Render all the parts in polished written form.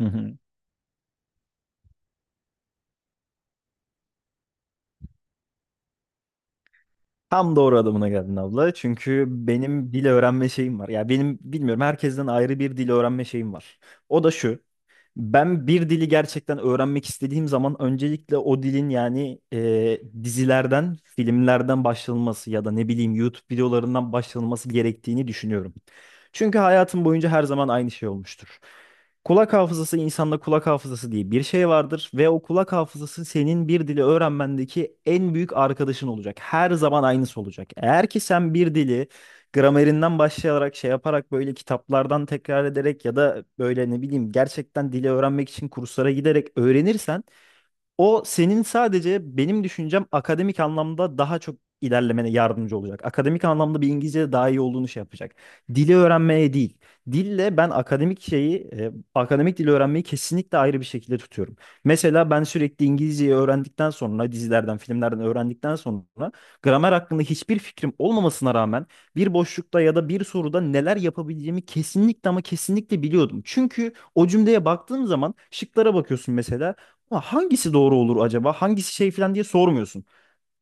Hı hı. Tam doğru adamına geldin abla. Çünkü benim dil öğrenme şeyim var. Ya benim bilmiyorum herkesten ayrı bir dil öğrenme şeyim var. O da şu. Ben bir dili gerçekten öğrenmek istediğim zaman öncelikle o dilin yani dizilerden, filmlerden başlanması ya da ne bileyim YouTube videolarından başlanması gerektiğini düşünüyorum. Çünkü hayatım boyunca her zaman aynı şey olmuştur. Kulak hafızası insanda kulak hafızası diye bir şey vardır ve o kulak hafızası senin bir dili öğrenmendeki en büyük arkadaşın olacak. Her zaman aynısı olacak. Eğer ki sen bir dili gramerinden başlayarak şey yaparak böyle kitaplardan tekrar ederek ya da böyle ne bileyim gerçekten dili öğrenmek için kurslara giderek öğrenirsen o senin sadece benim düşüncem akademik anlamda daha çok ilerlemene yardımcı olacak. Akademik anlamda bir İngilizce daha iyi olduğunu şey yapacak. Dili öğrenmeye değil. Dille ben akademik şeyi, akademik dili öğrenmeyi kesinlikle ayrı bir şekilde tutuyorum. Mesela ben sürekli İngilizceyi öğrendikten sonra, dizilerden, filmlerden öğrendikten sonra gramer hakkında hiçbir fikrim olmamasına rağmen bir boşlukta ya da bir soruda neler yapabileceğimi kesinlikle ama kesinlikle biliyordum. Çünkü o cümleye baktığım zaman şıklara bakıyorsun mesela. Ha, hangisi doğru olur acaba? Hangisi şey falan diye sormuyorsun.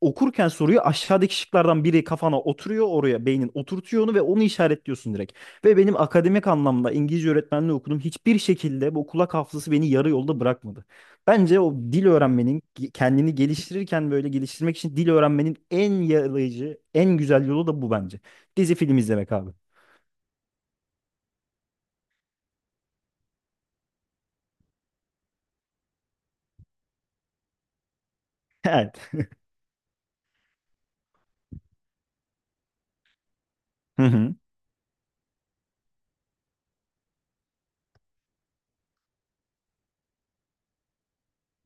Okurken soruyu aşağıdaki şıklardan biri kafana oturuyor, oraya beynin oturtuyor onu ve onu işaretliyorsun direkt. Ve benim akademik anlamda İngilizce öğretmenliği okudum. Hiçbir şekilde bu kulak hafızası beni yarı yolda bırakmadı. Bence o dil öğrenmenin kendini geliştirirken böyle geliştirmek için dil öğrenmenin en yarayıcı, en güzel yolu da bu bence. Dizi film izlemek abi. Evet. Hı hı.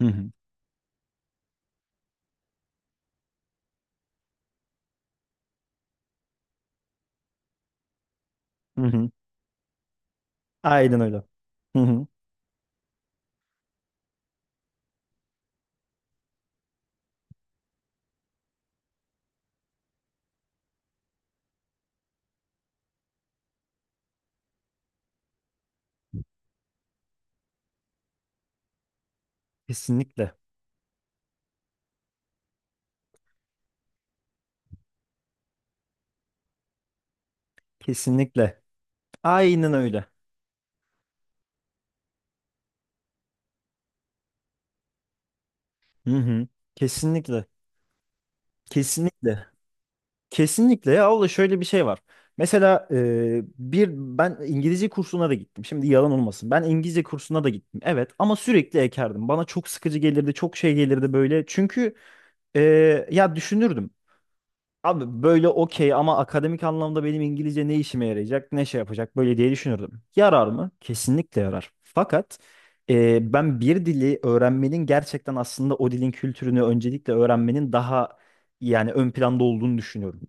Hı hı. Hı hı. Aynen öyle. Hı hı. Kesinlikle. Kesinlikle. Aynen öyle. Hı hı. Kesinlikle. Kesinlikle. Kesinlikle ya, o da şöyle bir şey var. Mesela bir ben İngilizce kursuna da gittim. Şimdi yalan olmasın. Ben İngilizce kursuna da gittim. Evet, ama sürekli ekerdim. Bana çok sıkıcı gelirdi, çok şey gelirdi böyle. Çünkü e, ya düşünürdüm. Abi böyle okey, ama akademik anlamda benim İngilizce ne işime yarayacak, ne şey yapacak böyle diye düşünürdüm. Yarar mı? Kesinlikle yarar. Fakat ben bir dili öğrenmenin gerçekten aslında o dilin kültürünü öncelikle öğrenmenin daha yani ön planda olduğunu düşünüyorum.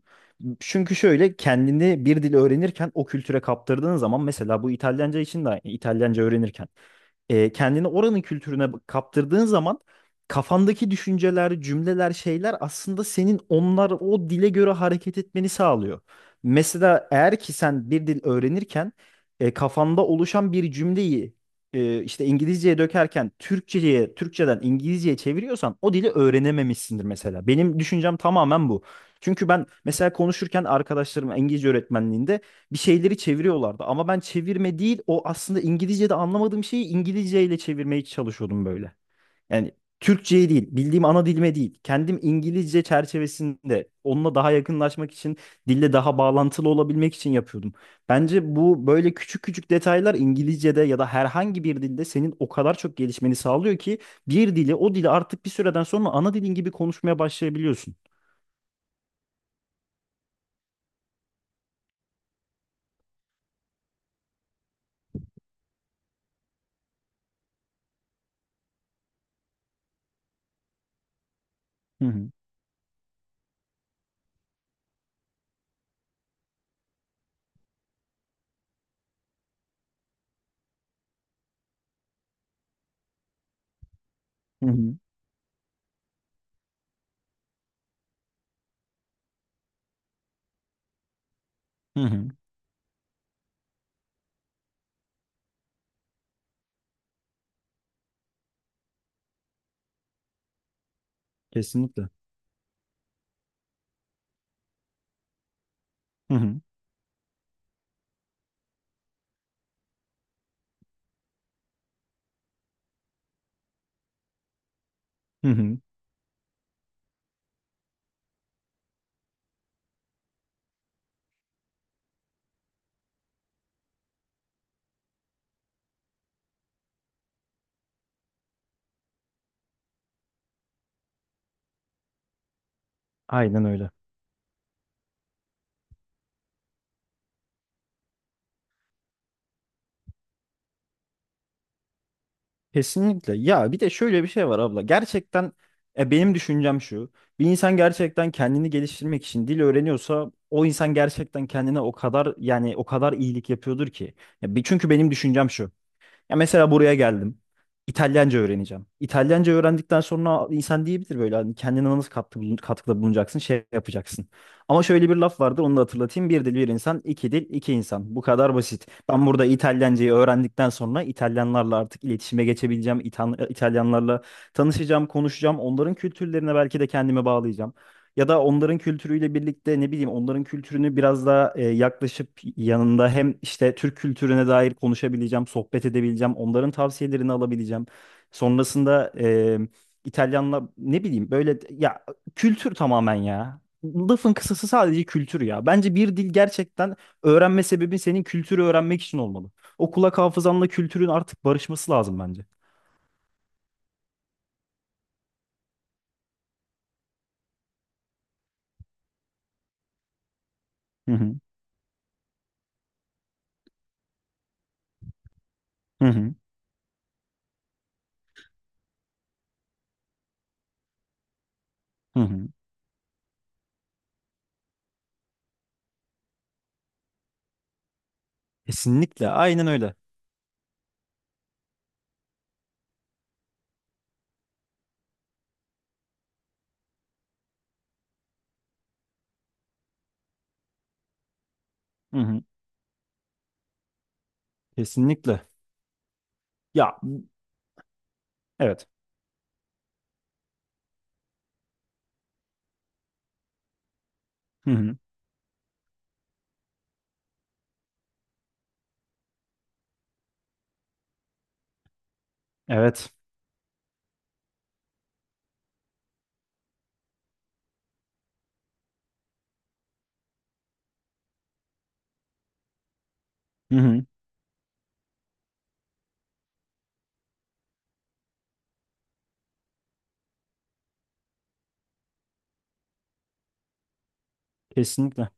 Çünkü şöyle, kendini bir dil öğrenirken o kültüre kaptırdığın zaman mesela bu İtalyanca için de aynı. İtalyanca öğrenirken kendini oranın kültürüne kaptırdığın zaman kafandaki düşünceler, cümleler, şeyler aslında senin onlar o dile göre hareket etmeni sağlıyor. Mesela eğer ki sen bir dil öğrenirken kafanda oluşan bir cümleyi işte İngilizceye dökerken Türkçeye, Türkçeden İngilizceye çeviriyorsan o dili öğrenememişsindir mesela. Benim düşüncem tamamen bu. Çünkü ben mesela konuşurken arkadaşlarım İngilizce öğretmenliğinde bir şeyleri çeviriyorlardı. Ama ben çevirme değil, o aslında İngilizce'de anlamadığım şeyi İngilizce ile çevirmeye çalışıyordum böyle. Yani Türkçe'ye değil, bildiğim ana dilime değil. Kendim İngilizce çerçevesinde onunla daha yakınlaşmak için, dille daha bağlantılı olabilmek için yapıyordum. Bence bu böyle küçük küçük detaylar İngilizce'de ya da herhangi bir dilde senin o kadar çok gelişmeni sağlıyor ki bir dili, o dili artık bir süreden sonra ana dilin gibi konuşmaya başlayabiliyorsun. Hı hı. Hı hı. Hı hı. Kesinlikle. Hı hı. Hı hı. Aynen öyle. Kesinlikle. Ya bir de şöyle bir şey var abla. Gerçekten benim düşüncem şu. Bir insan gerçekten kendini geliştirmek için dil öğreniyorsa o insan gerçekten kendine o kadar yani o kadar iyilik yapıyordur ki. Ya, çünkü benim düşüncem şu. Ya mesela buraya geldim. İtalyanca öğreneceğim. İtalyanca öğrendikten sonra insan diyebilir böyle, hani kendine nasıl katkıda bulunacaksın, şey yapacaksın. Ama şöyle bir laf vardır, onu da hatırlatayım. Bir dil bir insan, iki dil iki insan. Bu kadar basit. Ben burada İtalyancayı öğrendikten sonra İtalyanlarla artık iletişime geçebileceğim. İtalyanlarla tanışacağım, konuşacağım. Onların kültürlerine belki de kendimi bağlayacağım. Ya da onların kültürüyle birlikte ne bileyim, onların kültürünü biraz daha yaklaşıp yanında hem işte Türk kültürüne dair konuşabileceğim, sohbet edebileceğim, onların tavsiyelerini alabileceğim. Sonrasında İtalyanla ne bileyim böyle ya, kültür tamamen ya. Lafın kısası sadece kültür ya. Bence bir dil gerçekten, öğrenme sebebin senin kültürü öğrenmek için olmalı. O kulak hafızanla kültürün artık barışması lazım bence. Hı hı. Hı hı. Hı hı. Kesinlikle. Aynen öyle. Hı hı. Kesinlikle. Ya, evet. Hı hı. Evet. Hı hı. Kesinlikle.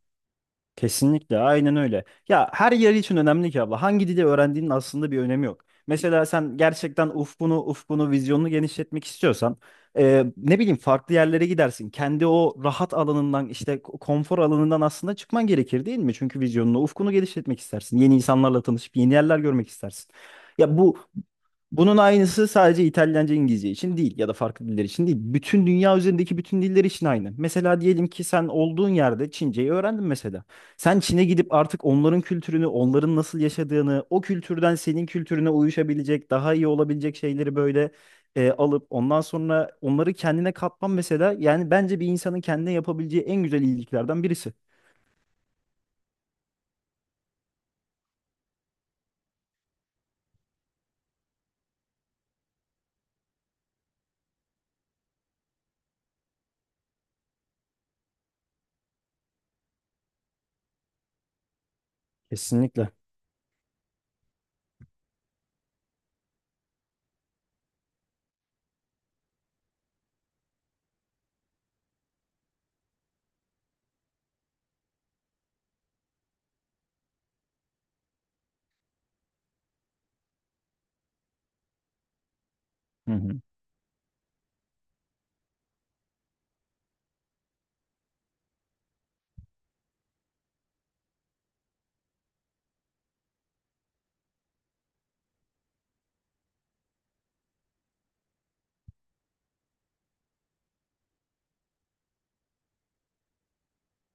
Kesinlikle. Aynen öyle. Ya her yer için önemli ki abla. Hangi dili öğrendiğinin aslında bir önemi yok. Mesela sen gerçekten ufkunu, vizyonunu genişletmek istiyorsan ne bileyim farklı yerlere gidersin. Kendi o rahat alanından, işte konfor alanından aslında çıkman gerekir değil mi? Çünkü vizyonunu, ufkunu genişletmek istersin. Yeni insanlarla tanışıp yeni yerler görmek istersin. Ya bu Bunun aynısı sadece İtalyanca, İngilizce için değil ya da farklı diller için değil. Bütün dünya üzerindeki bütün diller için aynı. Mesela diyelim ki sen olduğun yerde Çince'yi öğrendin mesela. Sen Çin'e gidip artık onların kültürünü, onların nasıl yaşadığını, o kültürden senin kültürüne uyuşabilecek, daha iyi olabilecek şeyleri böyle alıp ondan sonra onları kendine katman mesela, yani bence bir insanın kendine yapabileceği en güzel iyiliklerden birisi. Kesinlikle. Hı hı.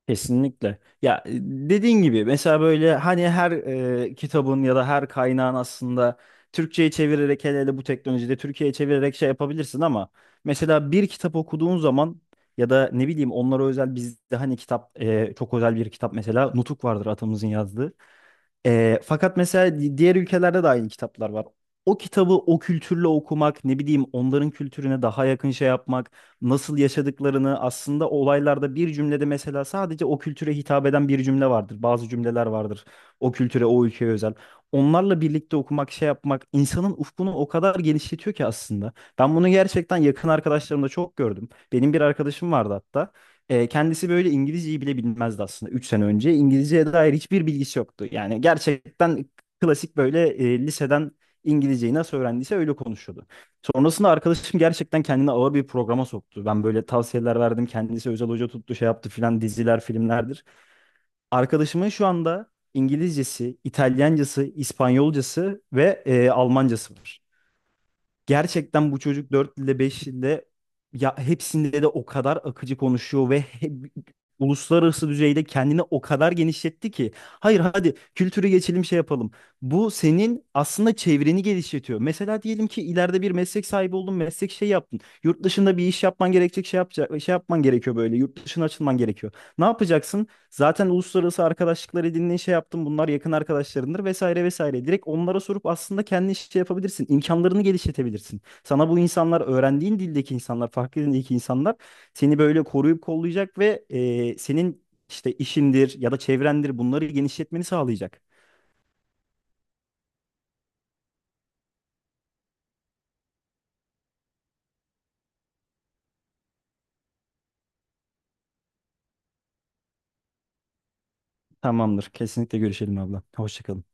Kesinlikle. Ya dediğin gibi mesela böyle hani her kitabın ya da her kaynağın aslında Türkçe'ye çevirerek, hele hele bu teknolojide Türkiye'ye çevirerek şey yapabilirsin, ama mesela bir kitap okuduğun zaman ya da ne bileyim onlara özel bizde hani kitap, çok özel bir kitap mesela Nutuk vardır atamızın yazdığı. Fakat mesela diğer ülkelerde de aynı kitaplar var. O kitabı o kültürle okumak, ne bileyim onların kültürüne daha yakın şey yapmak, nasıl yaşadıklarını aslında olaylarda bir cümlede mesela sadece o kültüre hitap eden bir cümle vardır. Bazı cümleler vardır o kültüre, o ülkeye özel. Onlarla birlikte okumak, şey yapmak insanın ufkunu o kadar genişletiyor ki aslında. Ben bunu gerçekten yakın arkadaşlarımda çok gördüm. Benim bir arkadaşım vardı hatta. Kendisi böyle İngilizceyi bile bilmezdi aslında 3 sene önce. İngilizceye dair hiçbir bilgisi yoktu. Yani gerçekten klasik böyle liseden İngilizceyi nasıl öğrendiyse öyle konuşuyordu. Sonrasında arkadaşım gerçekten kendini ağır bir programa soktu. Ben böyle tavsiyeler verdim. Kendisi özel hoca tuttu, şey yaptı filan, diziler, filmlerdir. Arkadaşımın şu anda İngilizcesi, İtalyancası, İspanyolcası ve Almancası var. Gerçekten bu çocuk 4 dilde 5 dilde ya hepsinde de o kadar akıcı konuşuyor ve uluslararası düzeyde kendini o kadar genişletti ki. Hayır hadi, kültürü geçelim, şey yapalım. Bu senin aslında çevreni geliştiriyor. Mesela diyelim ki ileride bir meslek sahibi oldun, meslek şey yaptın. Yurt dışında bir iş yapman gerekecek, şey yapacak, şey yapman gerekiyor böyle. Yurt dışına açılman gerekiyor. Ne yapacaksın? Zaten uluslararası arkadaşlıklar edindiğin, şey yaptın. Bunlar yakın arkadaşlarındır vesaire vesaire. Direkt onlara sorup aslında kendi şey yapabilirsin. İmkanlarını geliştirebilirsin. Sana bu insanlar, öğrendiğin dildeki insanlar, farklı dildeki insanlar seni böyle koruyup kollayacak ve senin işte işindir ya da çevrendir, bunları genişletmeni sağlayacak. Tamamdır. Kesinlikle görüşelim abla. Hoşça kalın.